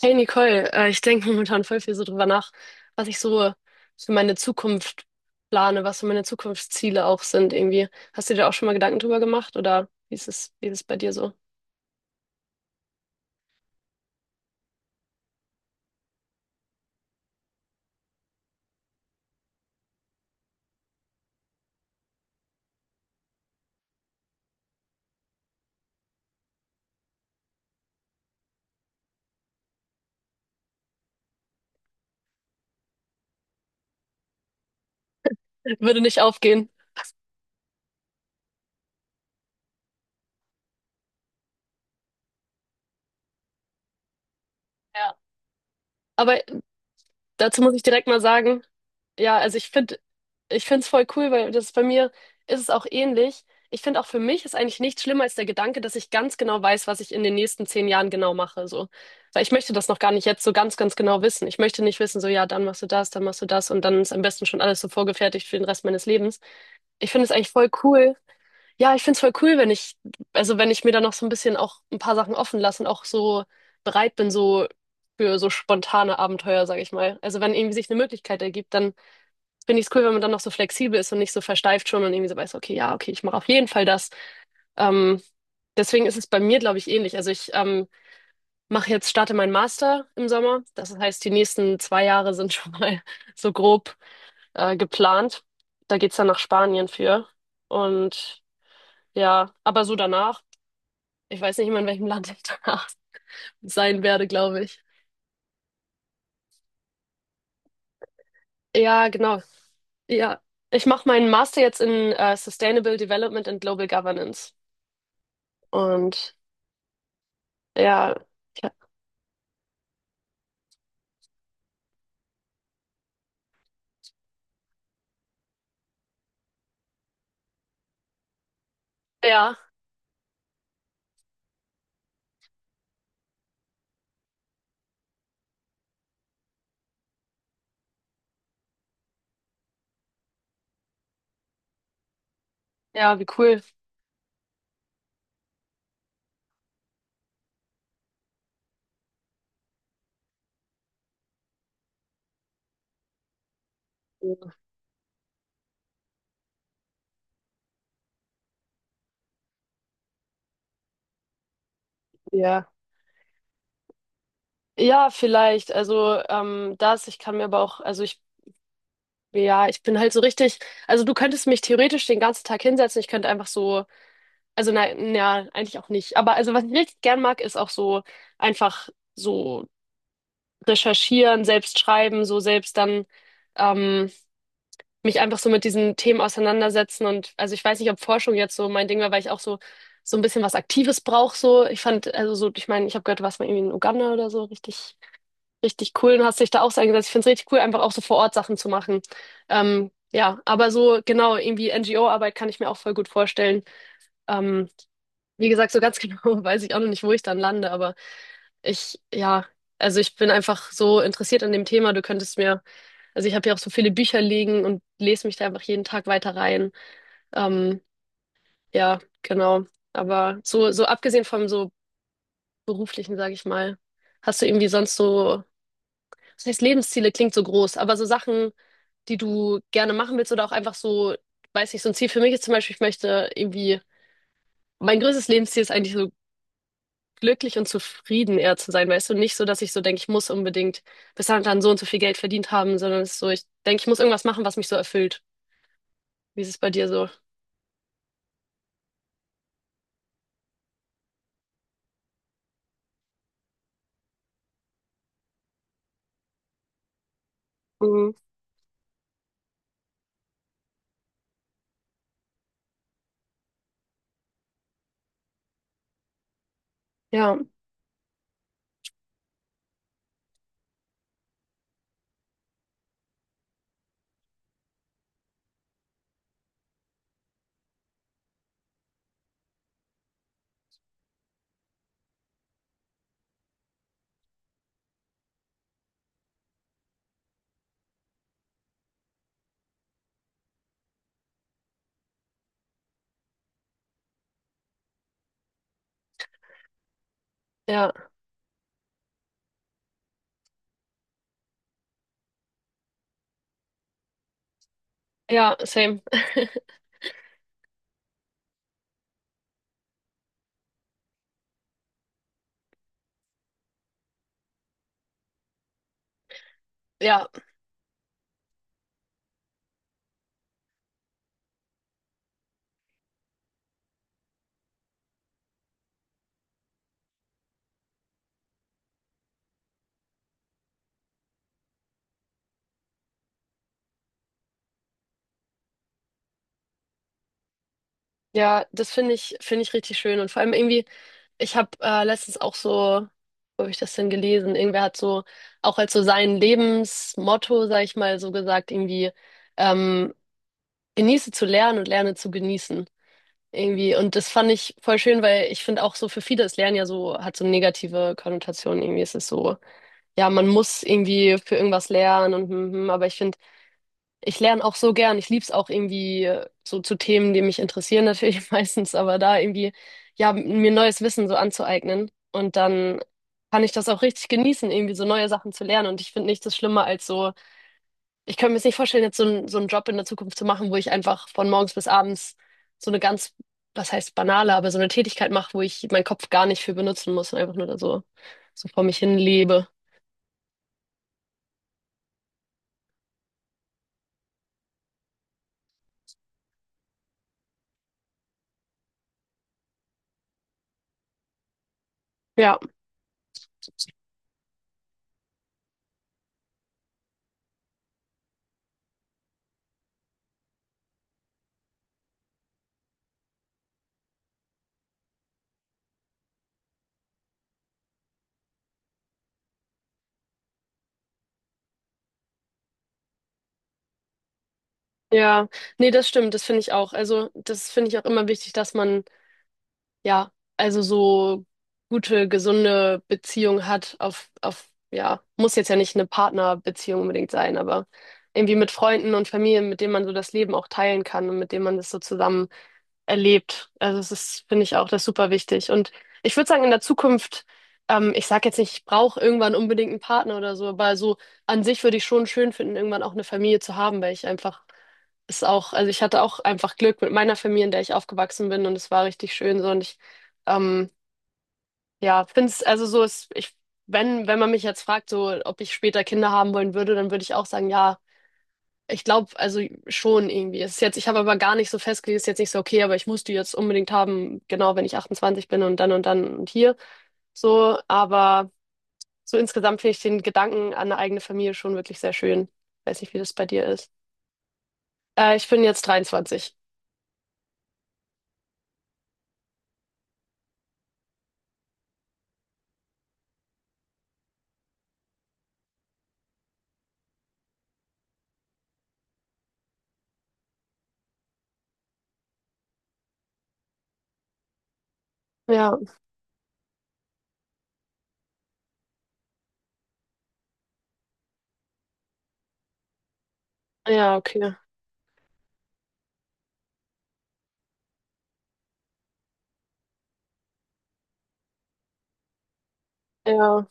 Hey Nicole, ich denke momentan voll viel so drüber nach, was ich so für meine Zukunft plane, was so meine Zukunftsziele auch sind irgendwie. Hast du dir auch schon mal Gedanken drüber gemacht oder wie ist es bei dir so? Würde nicht aufgehen. Ja. Aber dazu muss ich direkt mal sagen, ja, also ich finde es voll cool, weil das bei mir ist es auch ähnlich. Ich finde auch, für mich ist eigentlich nichts schlimmer als der Gedanke, dass ich ganz genau weiß, was ich in den nächsten 10 Jahren genau mache, so. Weil ich möchte das noch gar nicht jetzt so ganz, ganz genau wissen. Ich möchte nicht wissen, so, ja, dann machst du das, dann machst du das und dann ist am besten schon alles so vorgefertigt für den Rest meines Lebens. Ich finde es eigentlich voll cool, ja, ich find's voll cool, wenn ich, also wenn ich mir da noch so ein bisschen auch ein paar Sachen offen lasse und auch so bereit bin, so für so spontane Abenteuer, sag ich mal. Also wenn irgendwie sich eine Möglichkeit ergibt, dann find ich's cool, wenn man dann noch so flexibel ist und nicht so versteift schon und irgendwie so weiß, okay, ja, okay, ich mache auf jeden Fall das. Ähm, Deswegen ist es bei mir, glaube ich, ähnlich. Also ich mache jetzt, starte meinen Master im Sommer. Das heißt, die nächsten 2 Jahre sind schon mal so grob geplant. Da geht's dann nach Spanien für. Und ja, aber so danach. Ich weiß nicht mehr, in welchem Land ich danach sein werde, glaube ich. Ja, genau. Ja, ich mache meinen Master jetzt in Sustainable Development and Global Governance. Und ja, ja, ja, ja, wie cool. Ja. Ja, vielleicht. Also das, ich kann mir aber auch, also ich, ja, ich bin halt so richtig, also du könntest mich theoretisch den ganzen Tag hinsetzen, ich könnte einfach so, also nein, ja, eigentlich auch nicht. Aber also was ich richtig gern mag, ist auch so einfach so recherchieren, selbst schreiben, so selbst dann ähm, mich einfach so mit diesen Themen auseinandersetzen. Und also ich weiß nicht, ob Forschung jetzt so mein Ding war, weil ich auch so, so ein bisschen was Aktives brauche. So. Ich fand, also so, ich meine, ich habe gehört, du warst mal irgendwie in Uganda oder so, richtig, richtig cool, und hast dich da auch so eingesetzt. Ich finde es richtig cool, einfach auch so vor Ort Sachen zu machen. Ja, aber so genau, irgendwie NGO-Arbeit kann ich mir auch voll gut vorstellen. Ähm, Wie gesagt, so ganz genau weiß ich auch noch nicht, wo ich dann lande, aber ich, ja, also ich bin einfach so interessiert an dem Thema, du könntest mir, also ich habe ja auch so viele Bücher liegen und lese mich da einfach jeden Tag weiter rein. Ähm, ja, genau. Aber so, so abgesehen vom so beruflichen, sage ich mal, hast du irgendwie sonst so, das heißt, Lebensziele klingt so groß, aber so Sachen, die du gerne machen willst oder auch einfach so, weiß nicht, so ein Ziel für mich ist zum Beispiel, ich möchte irgendwie, mein größtes Lebensziel ist eigentlich so, glücklich und zufrieden eher zu sein, weißt du, nicht so, dass ich so denke, ich muss unbedingt bis dann und dann so und so viel Geld verdient haben, sondern es ist so, ich denke, ich muss irgendwas machen, was mich so erfüllt. Wie ist es bei dir so? Ja, ja, ja, same. Ja, ja, das finde ich richtig schön. Und vor allem irgendwie, ich habe letztens auch so, wo habe ich das denn gelesen? Irgendwer hat so, auch als so sein Lebensmotto, sag ich mal, so gesagt, irgendwie, ähm, genieße zu lernen und lerne zu genießen. Irgendwie. Und das fand ich voll schön, weil ich finde auch so, für viele ist Lernen ja so, hat so negative Konnotationen. Irgendwie ist es so, ja, man muss irgendwie für irgendwas lernen und, mhm, aber ich finde, ich lerne auch so gern. Ich liebe es auch irgendwie so zu Themen, die mich interessieren natürlich meistens, aber da irgendwie, ja, mir neues Wissen so anzueignen. Und dann kann ich das auch richtig genießen, irgendwie so neue Sachen zu lernen. Und ich finde, nichts ist schlimmer als so, ich könnte mir jetzt nicht vorstellen, jetzt so, so einen Job in der Zukunft zu machen, wo ich einfach von morgens bis abends so eine ganz, was heißt banale, aber so eine Tätigkeit mache, wo ich meinen Kopf gar nicht für benutzen muss und einfach nur da so, so vor mich hin lebe. Ja, ja, nee, das stimmt, das finde ich auch. Also, das finde ich auch immer wichtig, dass man, ja, also so gute, gesunde Beziehung hat, auf, ja, muss jetzt ja nicht eine Partnerbeziehung unbedingt sein, aber irgendwie mit Freunden und Familien, mit denen man so das Leben auch teilen kann und mit denen man das so zusammen erlebt. Also es ist, finde ich auch, das ist super wichtig. Und ich würde sagen, in der Zukunft, ich sage jetzt nicht, ich brauche irgendwann unbedingt einen Partner oder so, aber so an sich würde ich schon schön finden, irgendwann auch eine Familie zu haben, weil ich einfach, ist auch, also ich hatte auch einfach Glück mit meiner Familie, in der ich aufgewachsen bin, und es war richtig schön so, und ich ähm, ja, finde es, also so ist, ich, wenn man mich jetzt fragt, so ob ich später Kinder haben wollen würde, dann würde ich auch sagen, ja, ich glaube, also schon irgendwie. Es ist jetzt, ich habe aber gar nicht so festgelegt, es ist jetzt nicht so, okay, aber ich muss die jetzt unbedingt haben, genau, wenn ich 28 bin und dann und dann und hier. So, aber so insgesamt finde ich den Gedanken an eine eigene Familie schon wirklich sehr schön. Weiß nicht, wie das bei dir ist. Ich bin jetzt 23. Ja, ja, okay. Ja,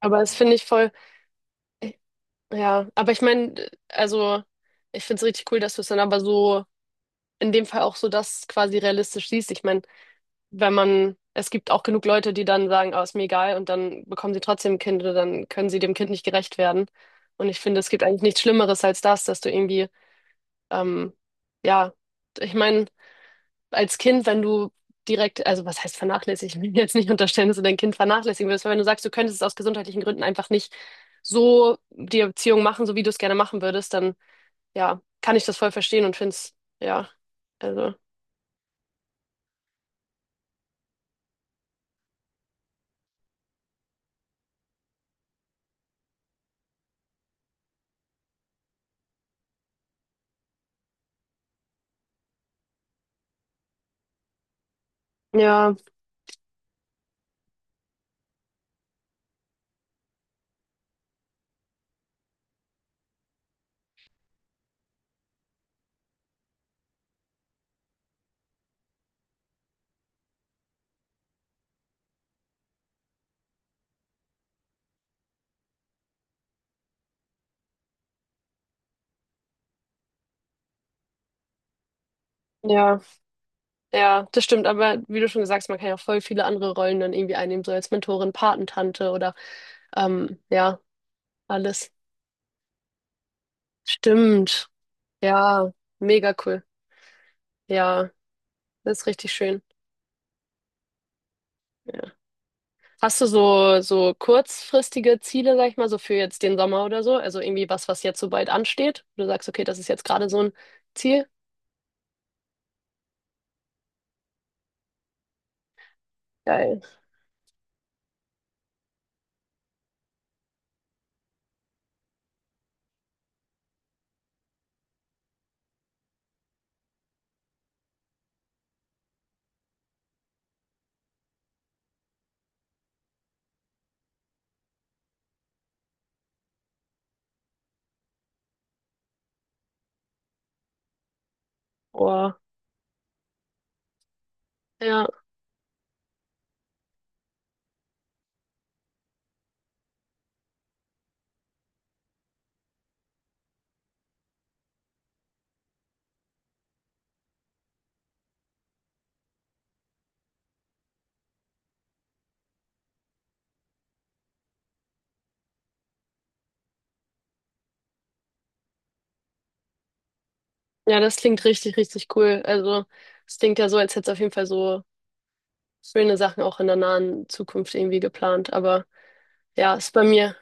aber das finde ich voll. Ja, aber ich meine, also ich finde es richtig cool, dass du es dann aber so in dem Fall auch so das quasi realistisch siehst. Ich meine, wenn man, es gibt auch genug Leute, die dann sagen, ah, ist mir egal, und dann bekommen sie trotzdem ein Kind oder dann können sie dem Kind nicht gerecht werden. Und ich finde, es gibt eigentlich nichts Schlimmeres als das, dass du irgendwie, ähm, ja, ich meine, als Kind, wenn du direkt, also was heißt vernachlässigen? Ich will jetzt nicht unterstellen, dass du dein Kind vernachlässigen würdest, aber wenn du sagst, du könntest es aus gesundheitlichen Gründen einfach nicht so die Erziehung machen, so wie du es gerne machen würdest, dann ja, kann ich das voll verstehen und finde es, ja, also, ja, ja, ja, das stimmt, aber wie du schon gesagt hast, man kann ja voll viele andere Rollen dann irgendwie einnehmen, so als Mentorin, Patentante oder, ja, alles. Stimmt, ja, mega cool, ja, das ist richtig schön. Ja. Hast du so, so kurzfristige Ziele, sag ich mal, so für jetzt den Sommer oder so? Also irgendwie was, was jetzt so bald ansteht? Du sagst, okay, das ist jetzt gerade so ein Ziel. Geil. Oh, ja. Ja, das klingt richtig, richtig cool. Also, es klingt ja so, als hättest du auf jeden Fall so schöne Sachen auch in der nahen Zukunft irgendwie geplant. Aber ja, ist bei mir.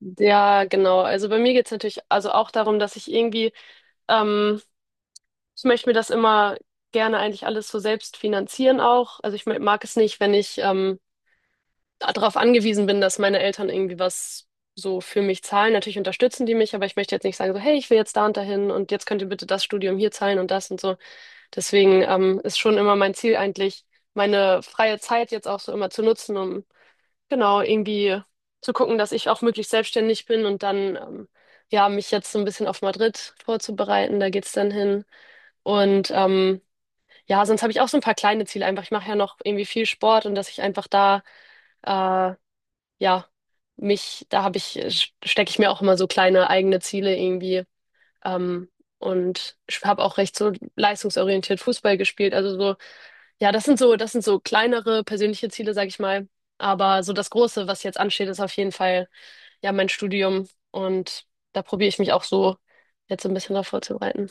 Ja, genau. Also bei mir geht's natürlich also auch darum, dass ich irgendwie, ähm, ich möchte mir das immer gerne eigentlich alles so selbst finanzieren auch. Also ich mag es nicht, wenn ich, darauf angewiesen bin, dass meine Eltern irgendwie was so für mich zahlen. Natürlich unterstützen die mich, aber ich möchte jetzt nicht sagen, so, hey, ich will jetzt da und dahin und jetzt könnt ihr bitte das Studium hier zahlen und das und so. Deswegen ist schon immer mein Ziel eigentlich, meine freie Zeit jetzt auch so immer zu nutzen, um genau irgendwie zu gucken, dass ich auch möglichst selbstständig bin, und dann ja, mich jetzt so ein bisschen auf Madrid vorzubereiten. Da geht's dann hin, und ja, sonst habe ich auch so ein paar kleine Ziele einfach. Ich mache ja noch irgendwie viel Sport, und dass ich einfach da äh, ja, mich, da habe ich, stecke ich mir auch immer so kleine eigene Ziele irgendwie. Ähm, und ich habe auch recht so leistungsorientiert Fußball gespielt. Also so, ja, das sind so kleinere persönliche Ziele, sag ich mal. Aber so das Große, was jetzt ansteht, ist auf jeden Fall ja mein Studium. Und da probiere ich mich auch so jetzt so ein bisschen darauf vorzubereiten.